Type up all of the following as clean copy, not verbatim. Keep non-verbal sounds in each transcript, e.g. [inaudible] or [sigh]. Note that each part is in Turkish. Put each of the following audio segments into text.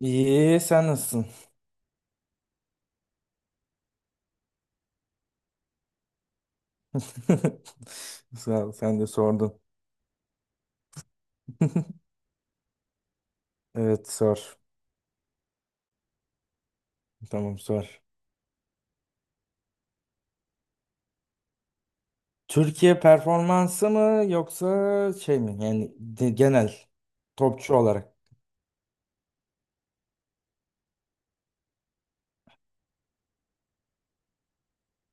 İyi, sen nasılsın? [laughs] Sağ ol, sen de sordun. [laughs] Evet, sor. Tamam, sor. Türkiye performansı mı yoksa şey mi? Yani genel topçu olarak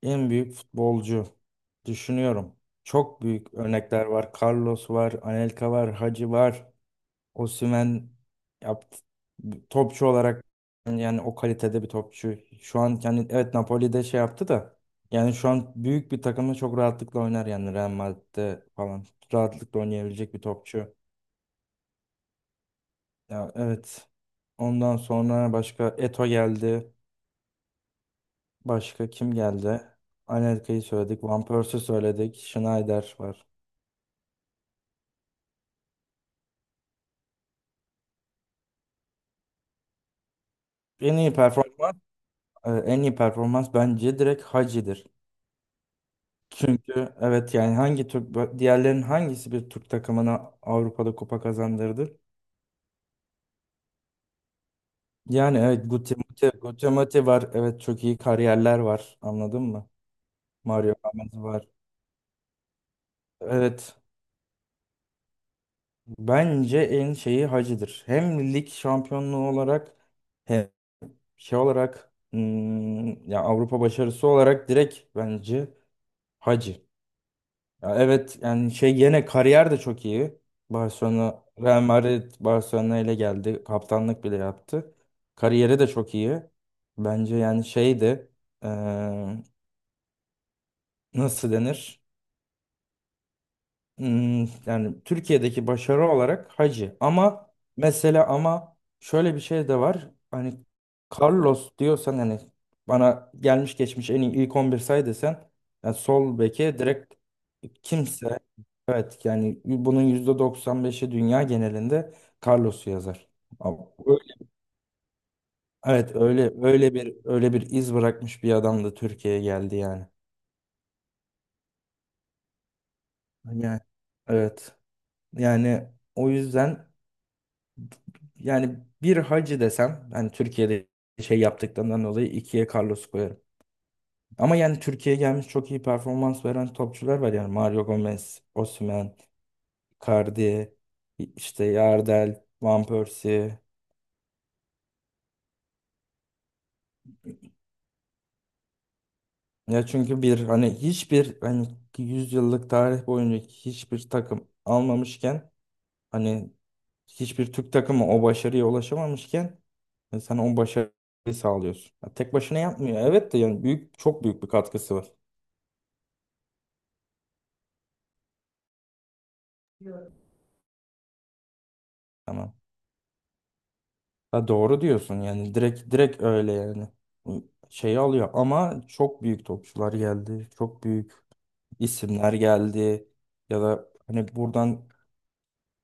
en büyük futbolcu düşünüyorum. Çok büyük örnekler var. Carlos var, Anelka var, Hacı var. Osimhen yaptı. Topçu olarak yani o kalitede bir topçu. Şu an yani evet Napoli'de şey yaptı da yani şu an büyük bir takımda çok rahatlıkla oynar, yani Real Madrid'de falan rahatlıkla oynayabilecek bir topçu. Ya evet. Ondan sonra başka Eto geldi. Başka kim geldi? Anelka'yı söyledik. Van Persie'i söyledik. Schneider var. En iyi performans, en iyi performans bence direkt Hacı'dır. Çünkü evet yani hangi Türk diğerlerin hangisi bir Türk takımına Avrupa'da kupa kazandırdı? Yani evet Guti Muti var. Evet, çok iyi kariyerler var. Anladın mı? Mario Gomez var. Evet. Bence en şeyi Hacı'dır. Hem lig şampiyonluğu olarak hem şey olarak, ya Avrupa başarısı olarak direkt bence Hacı. Ya evet yani şey, yine kariyer de çok iyi. Barcelona, Real Madrid Barcelona ile geldi. Kaptanlık bile yaptı. Kariyeri de çok iyi. Bence yani şeydi, eee, nasıl denir? Yani Türkiye'deki başarı olarak Hacı. Ama mesela ama şöyle bir şey de var. Hani Carlos diyorsan hani bana gelmiş geçmiş en iyi ilk 11 say desen, yani sol beke direkt kimse, evet yani bunun %95'i dünya genelinde Carlos'u yazar. Ama öyle- Evet, öyle bir iz bırakmış bir adam da Türkiye'ye geldi yani. Yani evet. Yani o yüzden, yani bir Hacı desem hani Türkiye'de şey yaptıklarından dolayı ikiye Carlos koyarım. Ama yani Türkiye'ye gelmiş çok iyi performans veren topçular var, yani Mario Gomez, Osimhen, Icardi, işte Yardel, Van Persie. Ya çünkü bir hani hiçbir hani 100 yıllık tarih boyunca hiçbir takım almamışken, hani hiçbir Türk takımı o başarıya ulaşamamışken, sen o başarıyı sağlıyorsun. Ya tek başına yapmıyor. Evet de yani çok büyük bir katkısı var. Tamam. Ha, doğru diyorsun, yani direkt direkt öyle yani. Şeyi alıyor ama çok büyük topçular geldi. Çok büyük isimler geldi. Ya da hani buradan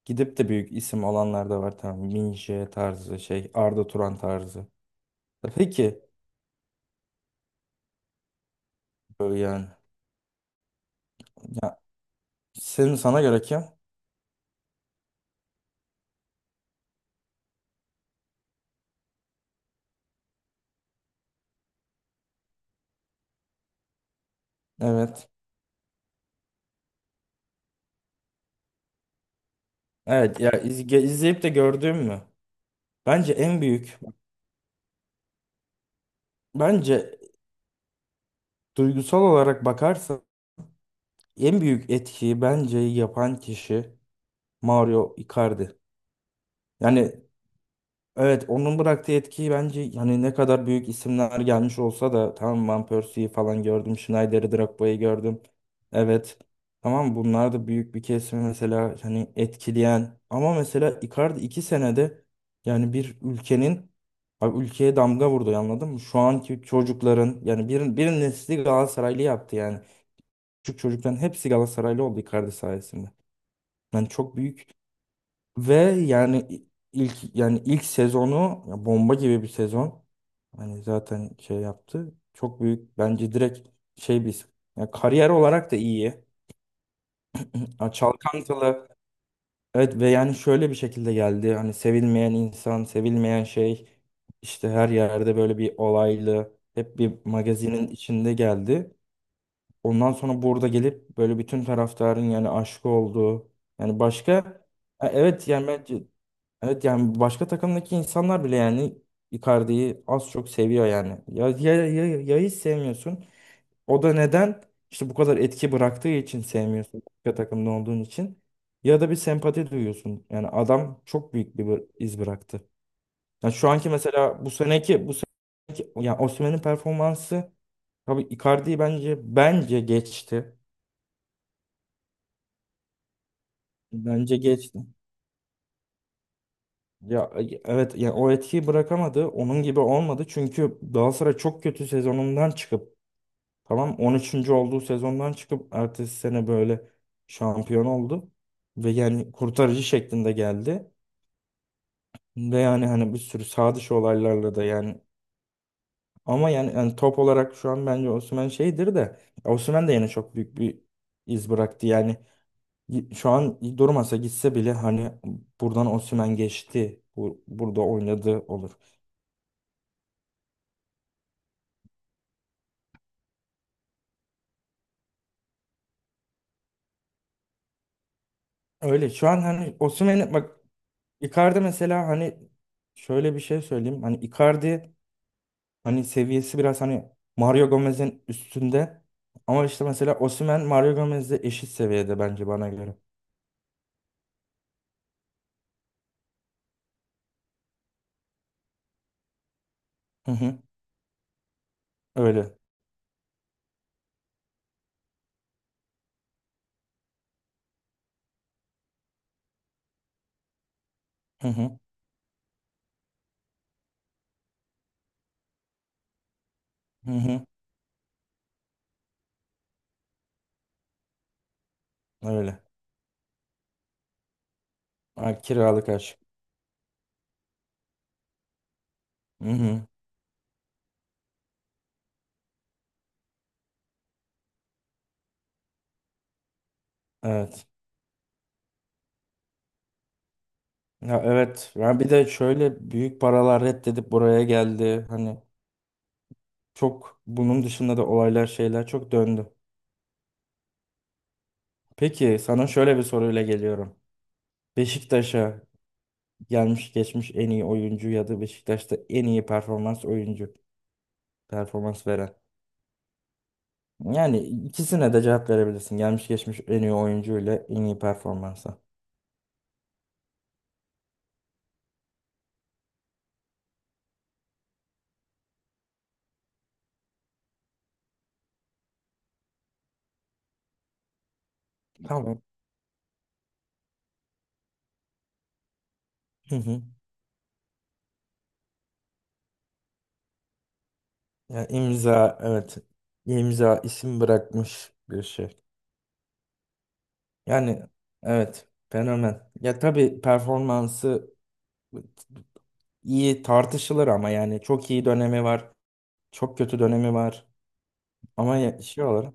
gidip de büyük isim alanlar da var. Tamam, Minje tarzı şey, Arda Turan tarzı. Peki böyle yani. Ya, sana göre kim? Evet. Evet ya, izleyip de gördüğüm mü? Bence en büyük Bence duygusal olarak bakarsan en büyük etkiyi bence yapan kişi Mario Icardi. Yani evet, onun bıraktığı etkiyi, bence yani ne kadar büyük isimler gelmiş olsa da, tamam Van Persie'yi falan gördüm. Schneider'i, Drogba'yı gördüm. Evet. Tamam, bunlar da büyük bir kesimi mesela hani etkileyen, ama mesela Icardi 2 senede yani bir ülkenin, abi ülkeye damga vurdu anladın mı? Şu anki çocukların yani bir nesli Galatasaraylı yaptı yani. Küçük çocukların hepsi Galatasaraylı oldu Icardi sayesinde. Yani çok büyük. Ve yani ilk sezonu, ya bomba gibi bir sezon. Hani zaten şey yaptı. Çok büyük, bence direkt şey bir, ya kariyer olarak da iyi. Ya, çalkantılı. Evet, ve yani şöyle bir şekilde geldi. Hani sevilmeyen insan, sevilmeyen şey, işte her yerde böyle bir olaylı, hep bir magazinin içinde geldi. Ondan sonra burada gelip böyle bütün taraftarın yani aşık olduğu, yani başka. Ha, evet yani bence, evet yani başka takımdaki insanlar bile yani Icardi'yi az çok seviyor yani. Ya hiç sevmiyorsun. O da neden? İşte bu kadar etki bıraktığı için sevmiyorsun. Başka takımda olduğun için. Ya da bir sempati duyuyorsun. Yani adam çok büyük bir iz bıraktı. Yani şu anki mesela bu seneki yani Osimhen'in performansı tabii Icardi'yi bence geçti. Bence geçti. Ya evet yani o etkiyi bırakamadı. Onun gibi olmadı. Çünkü Galatasaray çok kötü sezonundan çıkıp, tamam 13'üncü olduğu sezondan çıkıp ertesi sene böyle şampiyon oldu. Ve yani kurtarıcı şeklinde geldi. Ve yani hani bir sürü sağ dışı olaylarla da yani, ama yani, top olarak şu an bence Osimhen şeydir de, Osimhen de yine çok büyük bir iz bıraktı. Yani şu an durmasa gitse bile hani buradan Osimhen geçti, bu, burada oynadı olur. Öyle, şu an hani Osimhen bak, Icardi mesela hani şöyle bir şey söyleyeyim. Hani Icardi hani seviyesi biraz hani Mario Gomez'in üstünde. Ama işte mesela Osimhen Mario Gomez'le eşit seviyede, bence bana göre. Hı hı. Öyle. Hı hı. Hı hı. Öyle. Ha, kiralık aşk. Hı hı. Evet. Ya evet. Ya bir de şöyle büyük paralar reddedip buraya geldi. Hani. Çok bunun dışında da olaylar, şeyler çok döndü. Peki, sana şöyle bir soruyla geliyorum. Beşiktaş'a gelmiş geçmiş en iyi oyuncu ya da Beşiktaş'ta en iyi performans oyuncu, performans veren. Yani ikisine de cevap verebilirsin. Gelmiş geçmiş en iyi oyuncu ile en iyi performansa. Tamam. Hı hı. Ya, imza evet. İmza, isim bırakmış bir şey. Yani evet, fenomen. Ya tabii performansı iyi tartışılır ama yani çok iyi dönemi var. Çok kötü dönemi var. Ama şey olarak,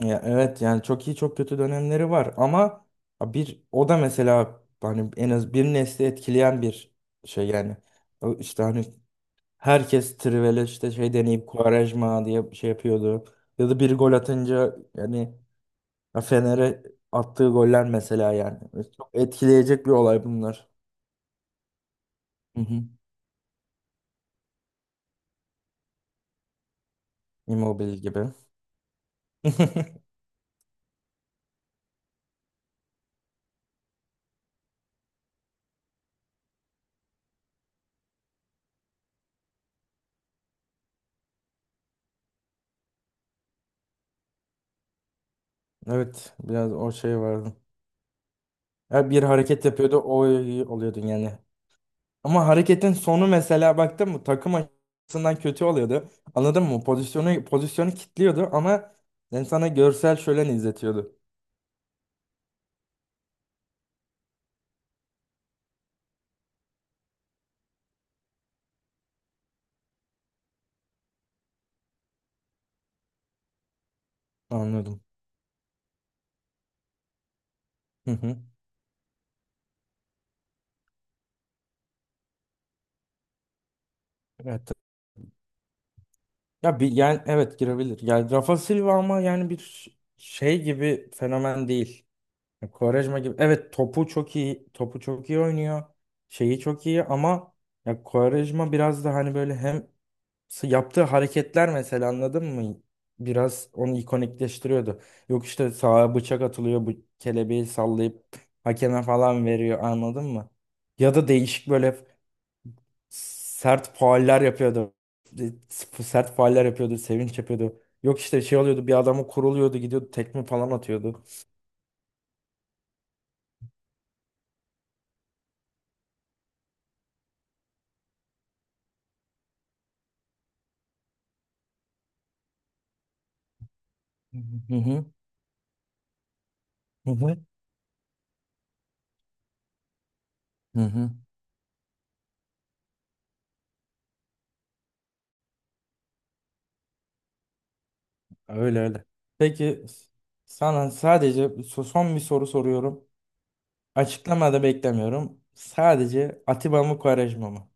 ya evet yani çok iyi çok kötü dönemleri var, ama bir o da mesela hani en az bir nesli etkileyen bir şey yani. O işte hani herkes Trivel'e işte şey deneyip Quaresma diye şey yapıyordu. Ya da bir gol atınca yani, ya Fener'e attığı goller mesela yani. Çok etkileyecek bir olay bunlar. Hı hı. Immobile gibi. [laughs] Evet, biraz o şey vardı. Ya bir hareket yapıyordu, o oluyordun yani. Ama hareketin sonu mesela baktın mı takım açısından kötü oluyordu. Anladın mı? Pozisyonu pozisyonu kilitliyordu, ama yani sana görsel şölen izletiyordu. Anladım. Hı hı. Evet. Ya bir, yani evet girebilir. Yani Rafa Silva, ama yani bir şey gibi fenomen değil. Ya Quaresma gibi. Evet, topu çok iyi. Topu çok iyi oynuyor. Şeyi çok iyi, ama ya Quaresma biraz da hani böyle hem yaptığı hareketler mesela, anladın mı? Biraz onu ikonikleştiriyordu. Yok işte sağa bıçak atılıyor, bu kelebeği sallayıp hakeme falan veriyor anladın mı? Ya da değişik böyle sert fauller yapıyordu. Sert fauller yapıyordu, sevinç yapıyordu. Yok işte şey oluyordu, bir adamı kuruluyordu, gidiyordu tekme falan atıyordu. Hı hı hı hı. Hı hı. Öyle öyle. Peki, sana sadece son bir soru soruyorum. Açıklamada beklemiyorum. Sadece Atiba mı, Quaresma mı?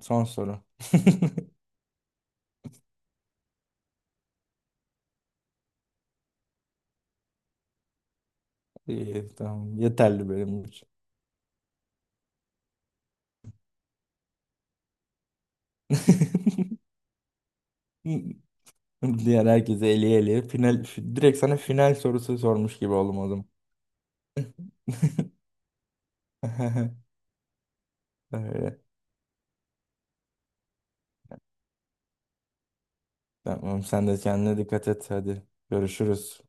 Son soru. [laughs] İyi, tamam. Yeterli benim için. [laughs] Diğer herkese eli eli. Final, direkt sana final sorusu sormuş gibi oldum o zaman. [laughs] Öyle. Tamam, sen de kendine dikkat et hadi. Görüşürüz.